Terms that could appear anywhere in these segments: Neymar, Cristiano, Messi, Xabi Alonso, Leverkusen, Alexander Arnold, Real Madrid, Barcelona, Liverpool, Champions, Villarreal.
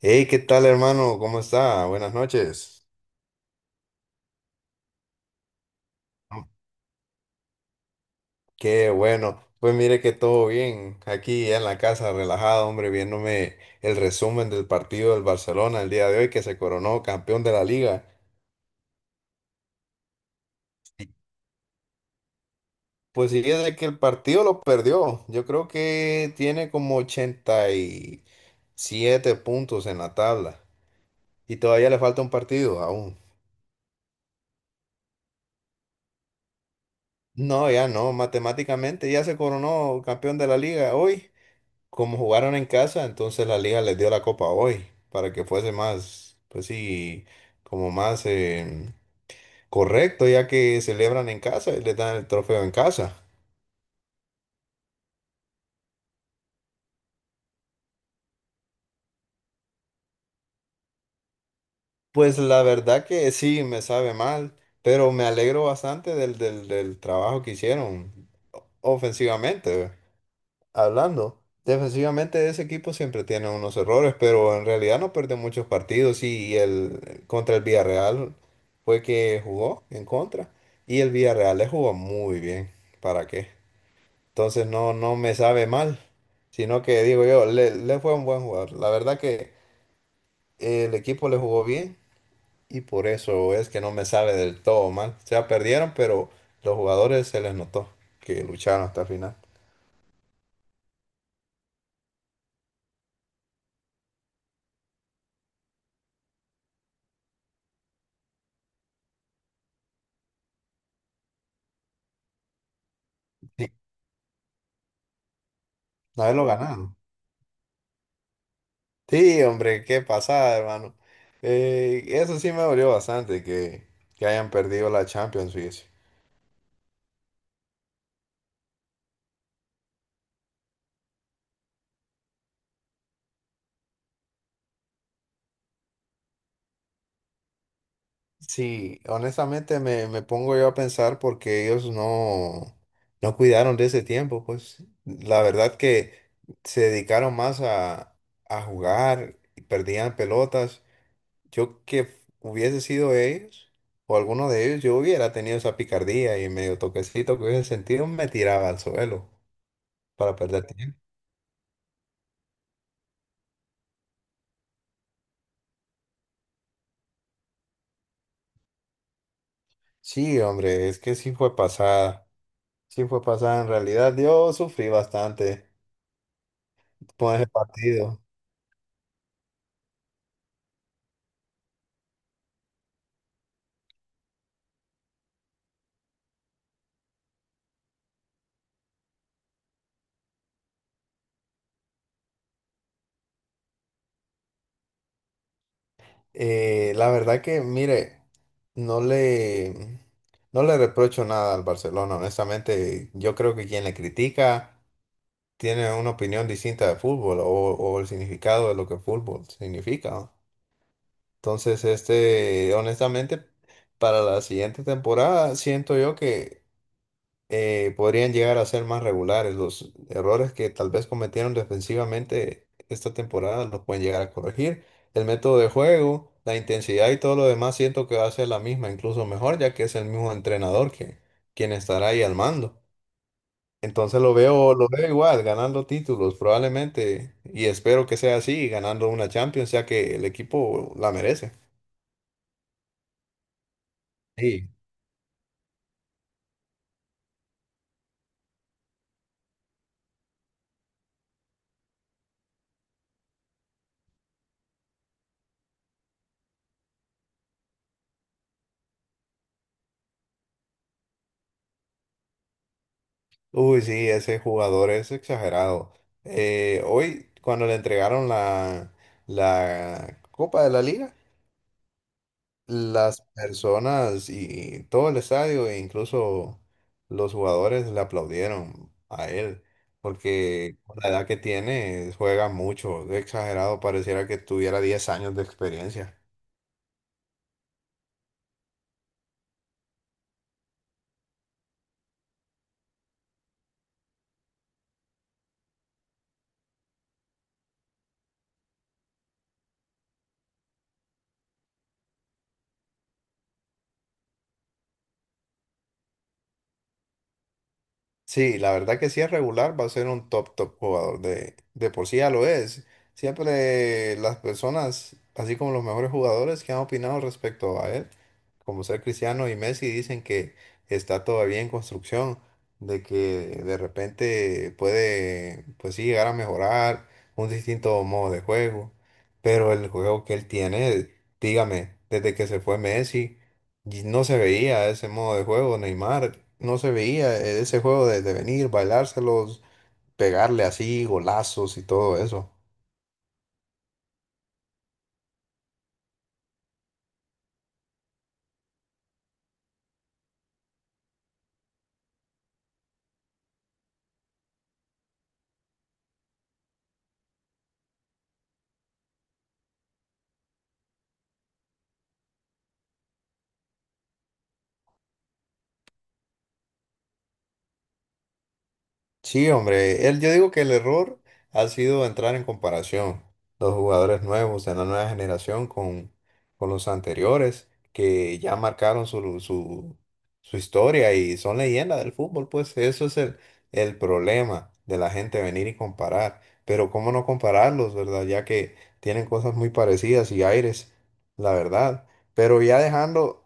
Hey, ¿qué tal, hermano? ¿Cómo está? Buenas noches. Qué bueno. Pues mire que todo bien. Aquí en la casa, relajado, hombre, viéndome el resumen del partido del Barcelona el día de hoy que se coronó campeón de la liga. Pues sí, es de que el partido lo perdió. Yo creo que tiene como 87 puntos en la tabla. Y todavía le falta un partido aún. No, ya no. Matemáticamente ya se coronó campeón de la liga hoy. Como jugaron en casa, entonces la liga les dio la copa hoy para que fuese más, pues sí, como más correcto, ya que celebran en casa y les dan el trofeo en casa. Pues la verdad que sí, me sabe mal, pero me alegro bastante del trabajo que hicieron ofensivamente. Hablando, defensivamente ese equipo siempre tiene unos errores, pero en realidad no perdió muchos partidos y el contra el Villarreal fue que jugó en contra y el Villarreal le jugó muy bien, ¿para qué? Entonces no, no me sabe mal, sino que digo yo, le fue un buen jugador. La verdad que el equipo le jugó bien y por eso es que no me sabe del todo mal. O sea, perdieron, pero los jugadores se les notó que lucharon hasta el final. Sí, haberlo ganado. Sí, hombre, qué pasada, hermano. Eso sí me dolió bastante que hayan perdido la Champions, fíjese. Sí, honestamente me pongo yo a pensar porque ellos no cuidaron de ese tiempo, pues la verdad que se dedicaron más a jugar, y perdían pelotas. Yo que hubiese sido ellos o alguno de ellos, yo hubiera tenido esa picardía y medio toquecito que hubiese sentido, me tiraba al suelo para perder. Sí, hombre, es que sí fue pasada. Sí fue pasada. En realidad, yo sufrí bastante con ese partido. La verdad que, mire, no le, no le reprocho nada al Barcelona. Honestamente, yo creo que quien le critica tiene una opinión distinta de fútbol o el significado de lo que fútbol significa, ¿no? Entonces, este, honestamente, para la siguiente temporada, siento yo que podrían llegar a ser más regulares. Los errores que tal vez cometieron defensivamente esta temporada los pueden llegar a corregir. El método de juego, la intensidad y todo lo demás siento que va a ser la misma, incluso mejor, ya que es el mismo entrenador que quien estará ahí al mando. Entonces lo veo igual, ganando títulos probablemente, y espero que sea así, ganando una Champions, ya que el equipo la merece. Sí. Uy, sí, ese jugador es exagerado. Hoy, cuando le entregaron la, la Copa de la Liga, las personas y todo el estadio, e incluso los jugadores, le aplaudieron a él, porque con la edad que tiene, juega mucho, es exagerado, pareciera que tuviera 10 años de experiencia. Sí, la verdad que si es regular va a ser un top, top jugador. De por sí ya lo es. Siempre las personas, así como los mejores jugadores que han opinado respecto a él, como ser Cristiano y Messi, dicen que está todavía en construcción, de que de repente puede, pues sí, llegar a mejorar un distinto modo de juego. Pero el juego que él tiene, dígame, desde que se fue Messi. Y no se veía ese modo de juego, Neymar, no se veía ese juego de venir, bailárselos, pegarle así, golazos y todo eso. Sí, hombre, él, yo digo que el error ha sido entrar en comparación los jugadores nuevos de la nueva generación con los anteriores que ya marcaron su historia y son leyendas del fútbol, pues eso es el problema de la gente venir y comparar, pero cómo no compararlos, ¿verdad? Ya que tienen cosas muy parecidas y aires, la verdad, pero ya dejando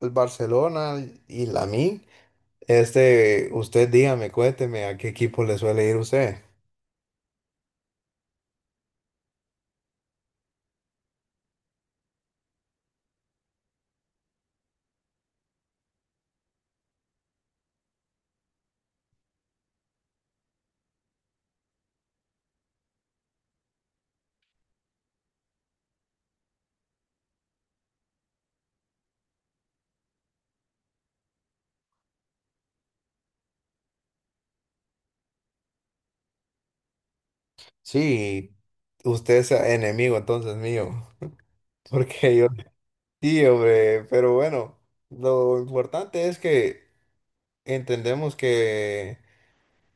el Barcelona y la mí. Este, usted dígame, cuénteme a qué equipo le suele ir usted. Sí, usted es enemigo entonces mío, porque yo sí, hombre, pero bueno, lo importante es que entendemos que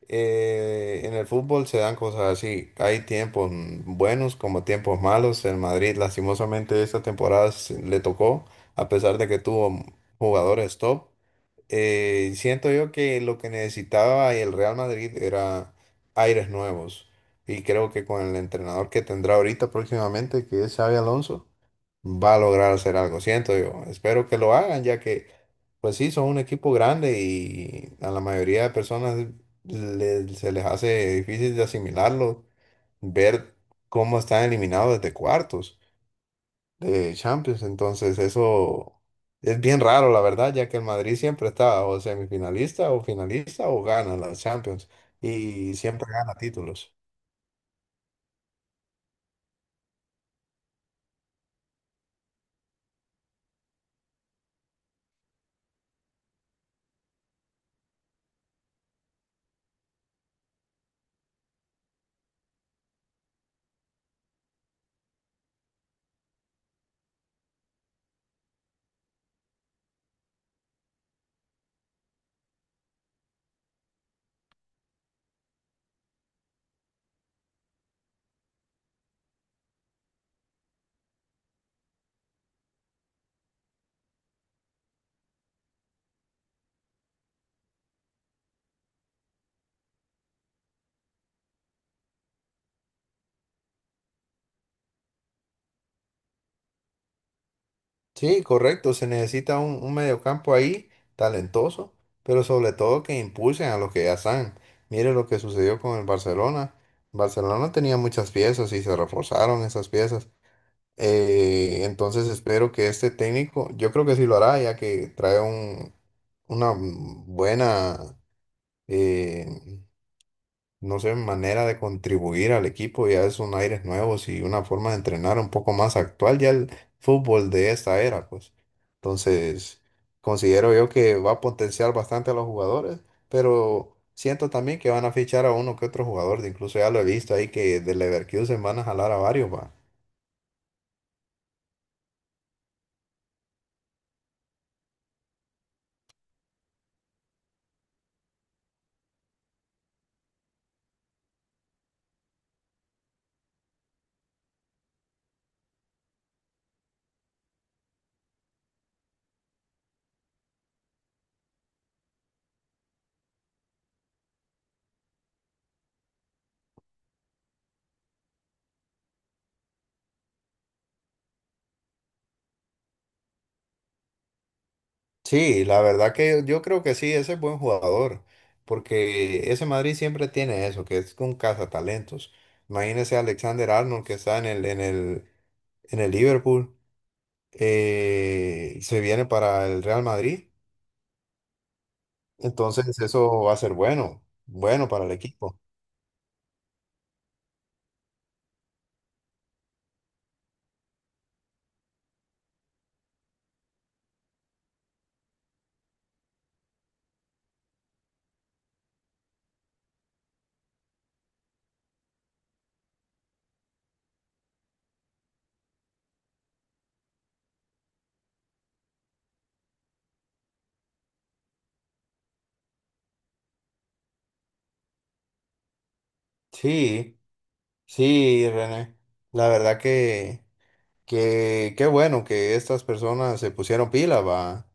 en el fútbol se dan cosas así, hay tiempos buenos como tiempos malos, en Madrid lastimosamente esta temporada se- le tocó, a pesar de que tuvo jugadores top. Siento yo que lo que necesitaba el Real Madrid era aires nuevos. Y creo que con el entrenador que tendrá ahorita próximamente, que es Xabi Alonso, va a lograr hacer algo. Siento yo. Espero que lo hagan, ya que, pues sí, son un equipo grande y a la mayoría de personas le- se les hace difícil de asimilarlo, ver cómo están eliminados desde cuartos de Champions. Entonces, eso es bien raro, la verdad, ya que el Madrid siempre está o semifinalista o finalista o gana la Champions y siempre gana títulos. Sí, correcto, se necesita un mediocampo ahí talentoso, pero sobre todo que impulsen a los que ya están. Mire lo que sucedió con el Barcelona. Barcelona tenía muchas piezas y se reforzaron esas piezas. Entonces espero que este técnico, yo creo que sí lo hará, ya que trae un, una buena, eh, no sé, manera de contribuir al equipo, ya es un aires nuevos y una forma de entrenar un poco más actual, ya el fútbol de esta era, pues. Entonces, considero yo que va a potenciar bastante a los jugadores, pero siento también que van a fichar a uno que otro jugador, de incluso ya lo he visto ahí que de Leverkusen van a jalar a varios, va. Sí, la verdad que yo creo que sí, ese es buen jugador, porque ese Madrid siempre tiene eso, que es un cazatalentos. Imagínese a Alexander Arnold que está en el Liverpool, se viene para el Real Madrid, entonces eso va a ser bueno, bueno para el equipo. Sí, sí, René, la verdad que qué bueno que estas personas se pusieron pilas, va.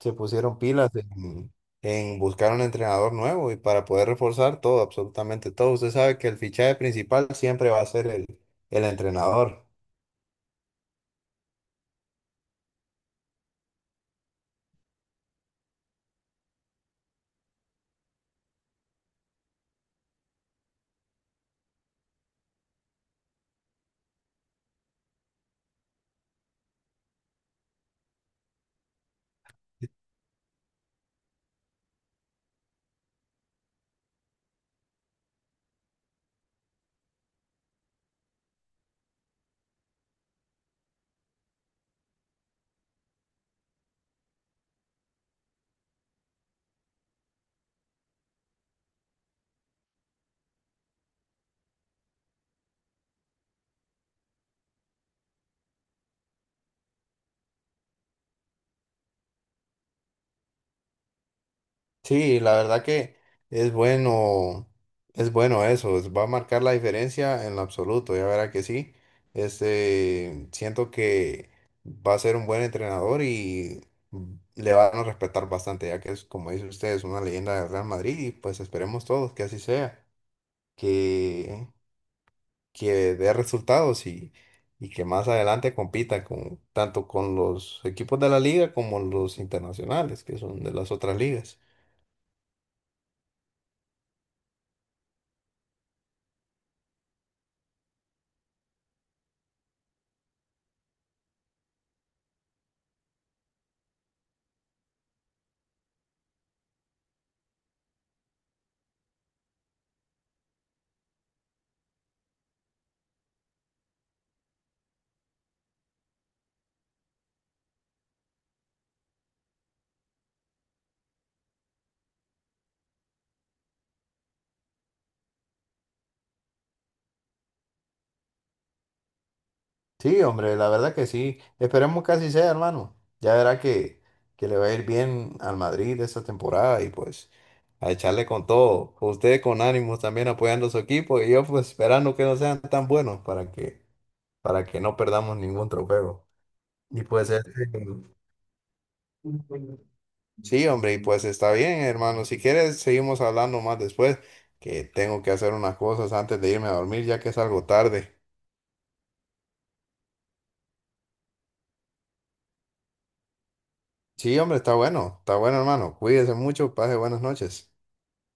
Se pusieron pilas En buscar un entrenador nuevo y para poder reforzar todo, absolutamente todo. Usted sabe que el fichaje principal siempre va a ser el entrenador. Sí, la verdad que es bueno, es bueno eso, es- va a marcar la diferencia en lo absoluto, ya verá que sí. Este, siento que va a ser un buen entrenador y le van a respetar bastante, ya que es, como dice usted, es una leyenda del Real Madrid y pues esperemos todos que así sea que que dé resultados y que más adelante compita con, tanto con los equipos de la liga como los internacionales, que son de las otras ligas. Sí, hombre, la verdad que sí. Esperemos que así sea, hermano. Ya verá que le va a ir bien al Madrid esta temporada y pues a echarle con todo. Usted con ánimos también apoyando a su equipo y yo pues esperando que no sean tan buenos para que no perdamos ningún trofeo. Y pues este, sí, hombre, y pues está bien, hermano. Si quieres, seguimos hablando más después, que tengo que hacer unas cosas antes de irme a dormir, ya que es algo tarde. Sí, hombre, está bueno, hermano. Cuídese mucho, pase buenas noches.